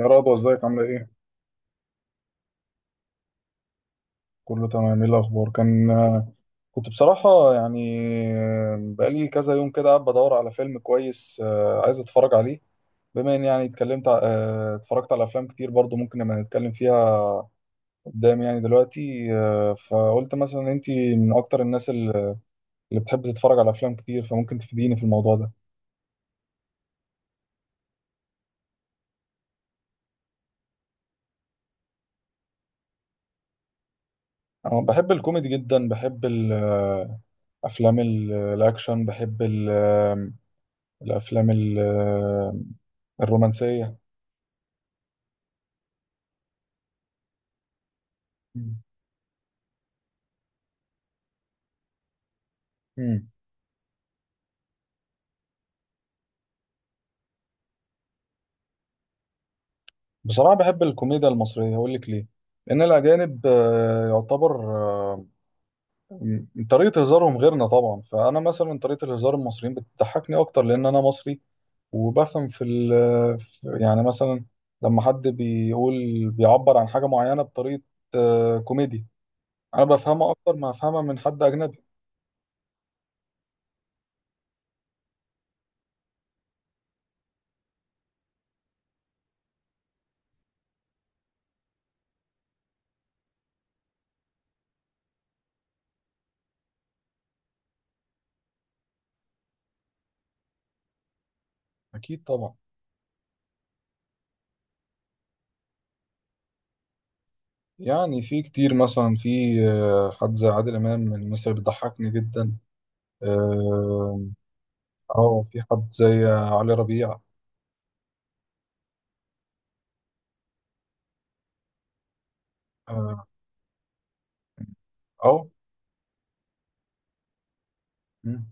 يا رضوى ازيك عاملة ايه؟ كله تمام، ايه الأخبار؟ كنت بصراحة يعني بقالي كذا يوم كده قاعد بدور على فيلم كويس، عايز اتفرج عليه. بما ان يعني اتكلمت ع- آه، اتفرجت على أفلام كتير برضو، ممكن نبقى نتكلم فيها قدام يعني دلوقتي، فقلت مثلا انتي من أكتر الناس اللي بتحب تتفرج على أفلام كتير، فممكن تفيديني في الموضوع ده. أنا بحب الكوميدي جدا، بحب أفلام الأكشن، بحب الأفلام الرومانسية. مم. بصراحة بحب الكوميديا المصرية، أقول لك ليه. لأن الأجانب يعتبر، طريقة هزارهم غيرنا طبعا، فأنا مثلا طريقة الهزار المصريين بتضحكني أكتر لأن أنا مصري، وبفهم في يعني مثلا لما حد بيقول، بيعبر عن حاجة معينة بطريقة كوميديا، أنا بفهمها أكتر ما أفهمها من حد أجنبي. أكيد طبعا. يعني في كتير، مثلا في حد زي عادل إمام من مصر، بيضحكني جدا. آه، اه، في حد زي علي ربيع. اه، أو، مم.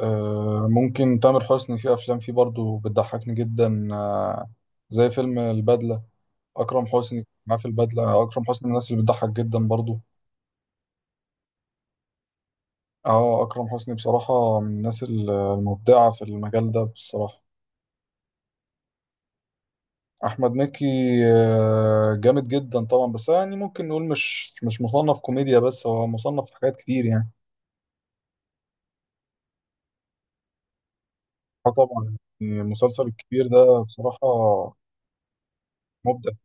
ممكن تامر حسني، في افلام فيه برضو بتضحكني جدا، زي فيلم البدلة. اكرم حسني معاه في البدلة، اكرم حسني من الناس اللي بتضحك جدا برضو. اه، اكرم حسني بصراحة من الناس المبدعة في المجال ده بصراحة. احمد مكي، جامد جدا طبعا، بس يعني ممكن نقول مش مصنف كوميديا، بس هو مصنف في حاجات كتير يعني. طبعا، المسلسل الكبير ده بصراحة مبدع.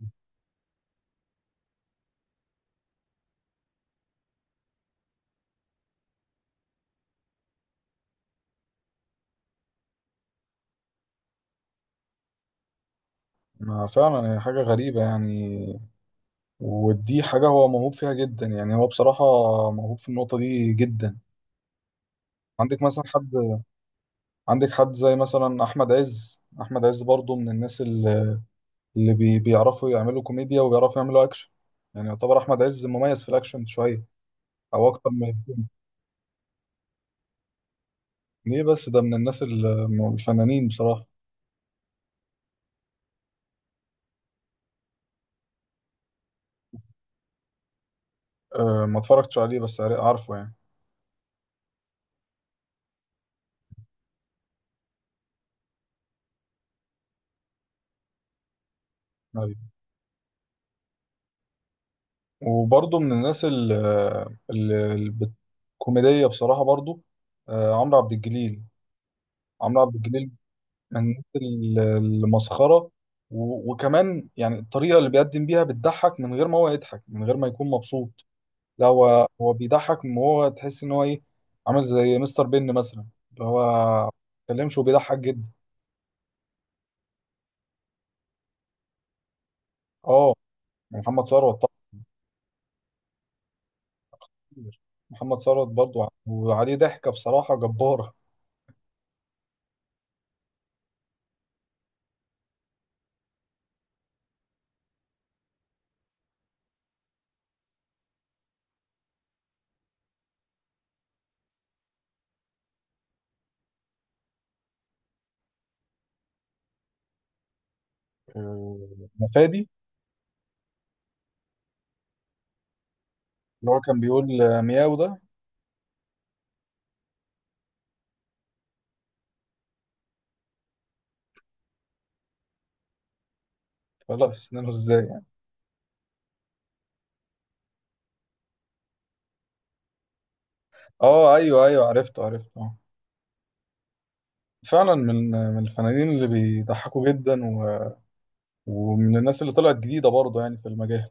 ما فعلا هي حاجة غريبة يعني، ودي حاجة هو موهوب فيها جدا، يعني هو بصراحة موهوب في النقطة دي جدا. عندك مثلا حد، عندك حد زي مثلا أحمد عز. أحمد عز برضو من الناس اللي بيعرفوا يعملوا كوميديا وبيعرفوا يعملوا أكشن. يعني يعتبر أحمد عز مميز في الأكشن شوية، أو أكتر من الاتنين. ليه بس؟ ده من الناس الفنانين بصراحة. أه، ما اتفرجتش عليه بس عارفه. يعني وبرضه من الناس ال- ال- الكوميدية بصراحة برضه، عمرو عبد الجليل. عمرو عبد الجليل من الناس المسخرة، وكمان يعني الطريقة اللي بيقدم بيها بتضحك من غير ما هو يضحك، من غير ما يكون مبسوط. لا، هو بيضحك، من هو تحس إن هو إيه، عامل زي مستر بن مثلا، اللي هو ما بيتكلمش وبيضحك جدا. اه، محمد ثروت طبعا. محمد ثروت برضه، وعليه ضحكة بصراحة جبارة. آه، فادي، اللي هو كان بيقول مياو ده. فلا في سنانه ازاي يعني؟ اه ايوه ايوه، عرفته عرفته، آه. فعلا من الفنانين اللي بيضحكوا جدا، و... ومن الناس اللي طلعت جديده برضه يعني في المجال.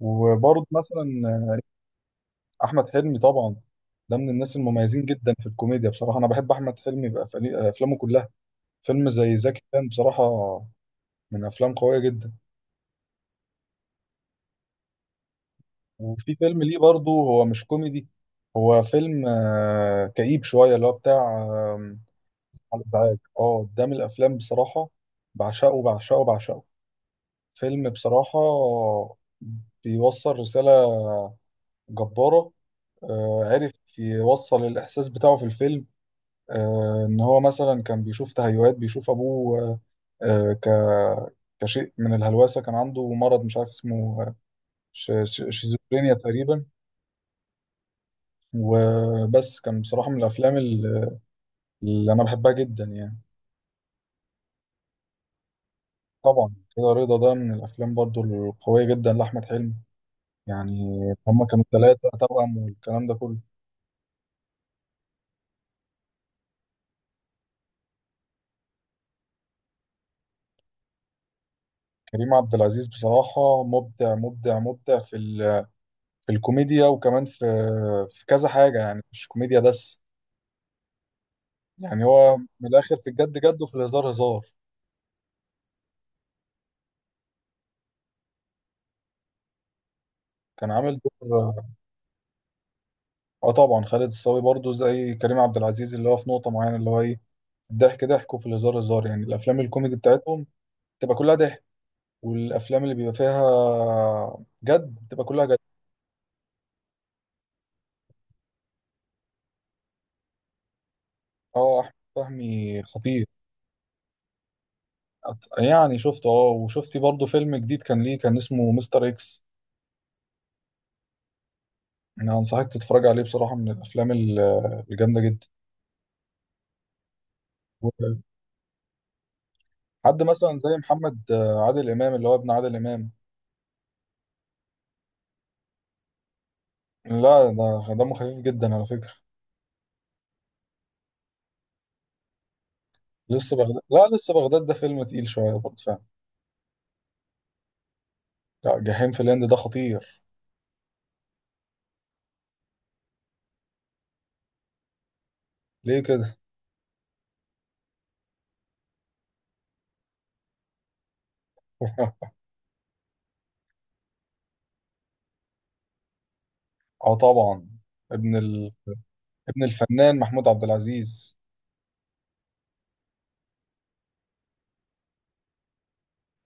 وبرضه مثلا احمد حلمي طبعا، ده من الناس المميزين جدا في الكوميديا بصراحه. انا بحب احمد حلمي افلامه كلها. فيلم زي زكي كان بصراحه من افلام قويه جدا. وفي فيلم ليه برضه، هو مش كوميدي، هو فيلم كئيب شويه، اللي هو بتاع على ازعاج. اه ده من الافلام بصراحه بعشقه بعشقه بعشقه. فيلم بصراحه بيوصل رساله جباره. آه، عرف يوصل الاحساس بتاعه في الفيلم. آه، ان هو مثلا كان بيشوف تهيؤات، بيشوف ابوه آه، كشيء من الهلوسه. كان عنده مرض مش عارف اسمه، شيزوفرينيا تقريبا. وبس كان بصراحه من الافلام اللي انا بحبها جدا يعني. طبعا كده رضا، ده من الافلام برضو القويه جدا لاحمد حلمي يعني. هما كانوا ثلاثة توأم والكلام ده كله. كريم عبد العزيز بصراحة مبدع مبدع مبدع في ال، في الكوميديا وكمان في في كذا حاجة يعني، مش كوميديا بس. يعني هو من الآخر، في الجد جد وفي الهزار هزار. كان عامل دور. اه طبعا، خالد الصاوي برضو زي كريم عبد العزيز، اللي هو في نقطة معينة اللي هو ايه، الضحك ضحك وفي الهزار هزار. يعني الأفلام الكوميدي بتاعتهم تبقى كلها ضحك، والأفلام اللي بيبقى فيها جد بتبقى كلها جد. اه، أحمد فهمي خطير. يعني شفته اه، وشفتي برضه فيلم جديد كان ليه، كان اسمه مستر اكس. انا انصحك تتفرج عليه بصراحة، من الافلام الجامدة جدا. حد مثلا زي محمد عادل امام، اللي هو ابن عادل امام. لا، ده دمه خفيف جدا على فكرة. لسه بغداد، لا لسه بغداد ده فيلم تقيل شوية برضه فعلا. لا، جحيم في الهند ده خطير. ليه كده؟ اه طبعا، ابن ال، ابن الفنان محمود عبد العزيز.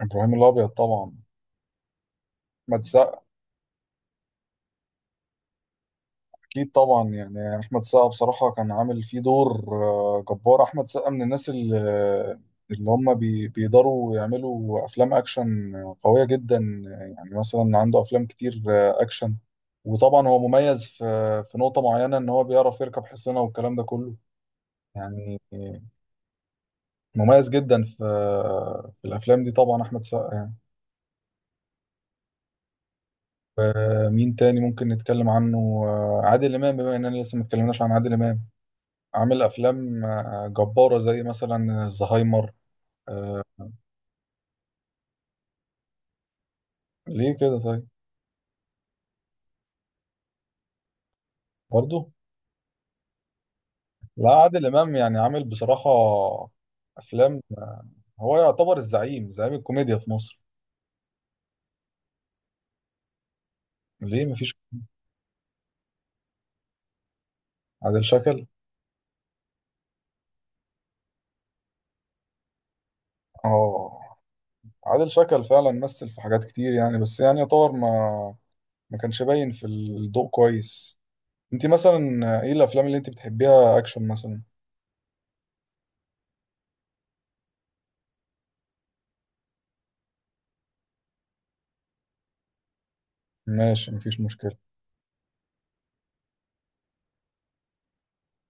ابراهيم الابيض طبعا. احمد سقا. أكيد طبعا، يعني أحمد السقا بصراحة كان عامل فيه دور جبار. أحمد السقا من الناس اللي, اللي هم بيقدروا يعملوا أفلام أكشن قوية جدا. يعني مثلا عنده أفلام كتير أكشن. وطبعا هو مميز في في نقطة معينة، إن هو بيعرف يركب حصينة والكلام ده كله، يعني مميز جدا في في الأفلام دي. طبعا أحمد السقا يعني، مين تاني ممكن نتكلم عنه؟ عادل إمام، بما إننا لسه ما اتكلمناش عن عادل إمام. عامل افلام جباره، زي مثلا الزهايمر. آه، ليه كده طيب؟ برضه لا، عادل امام يعني عامل بصراحه افلام. هو يعتبر الزعيم، زعيم الكوميديا في مصر. ليه مفيش؟ عادل شكل. اه، عادل شكل فعلا مثل في حاجات كتير يعني، بس يعني يعتبر ما ما كانش باين في الضوء كويس. انت مثلا ايه الافلام اللي انت بتحبيها، اكشن مثلا؟ ماشي، مفيش مشكله.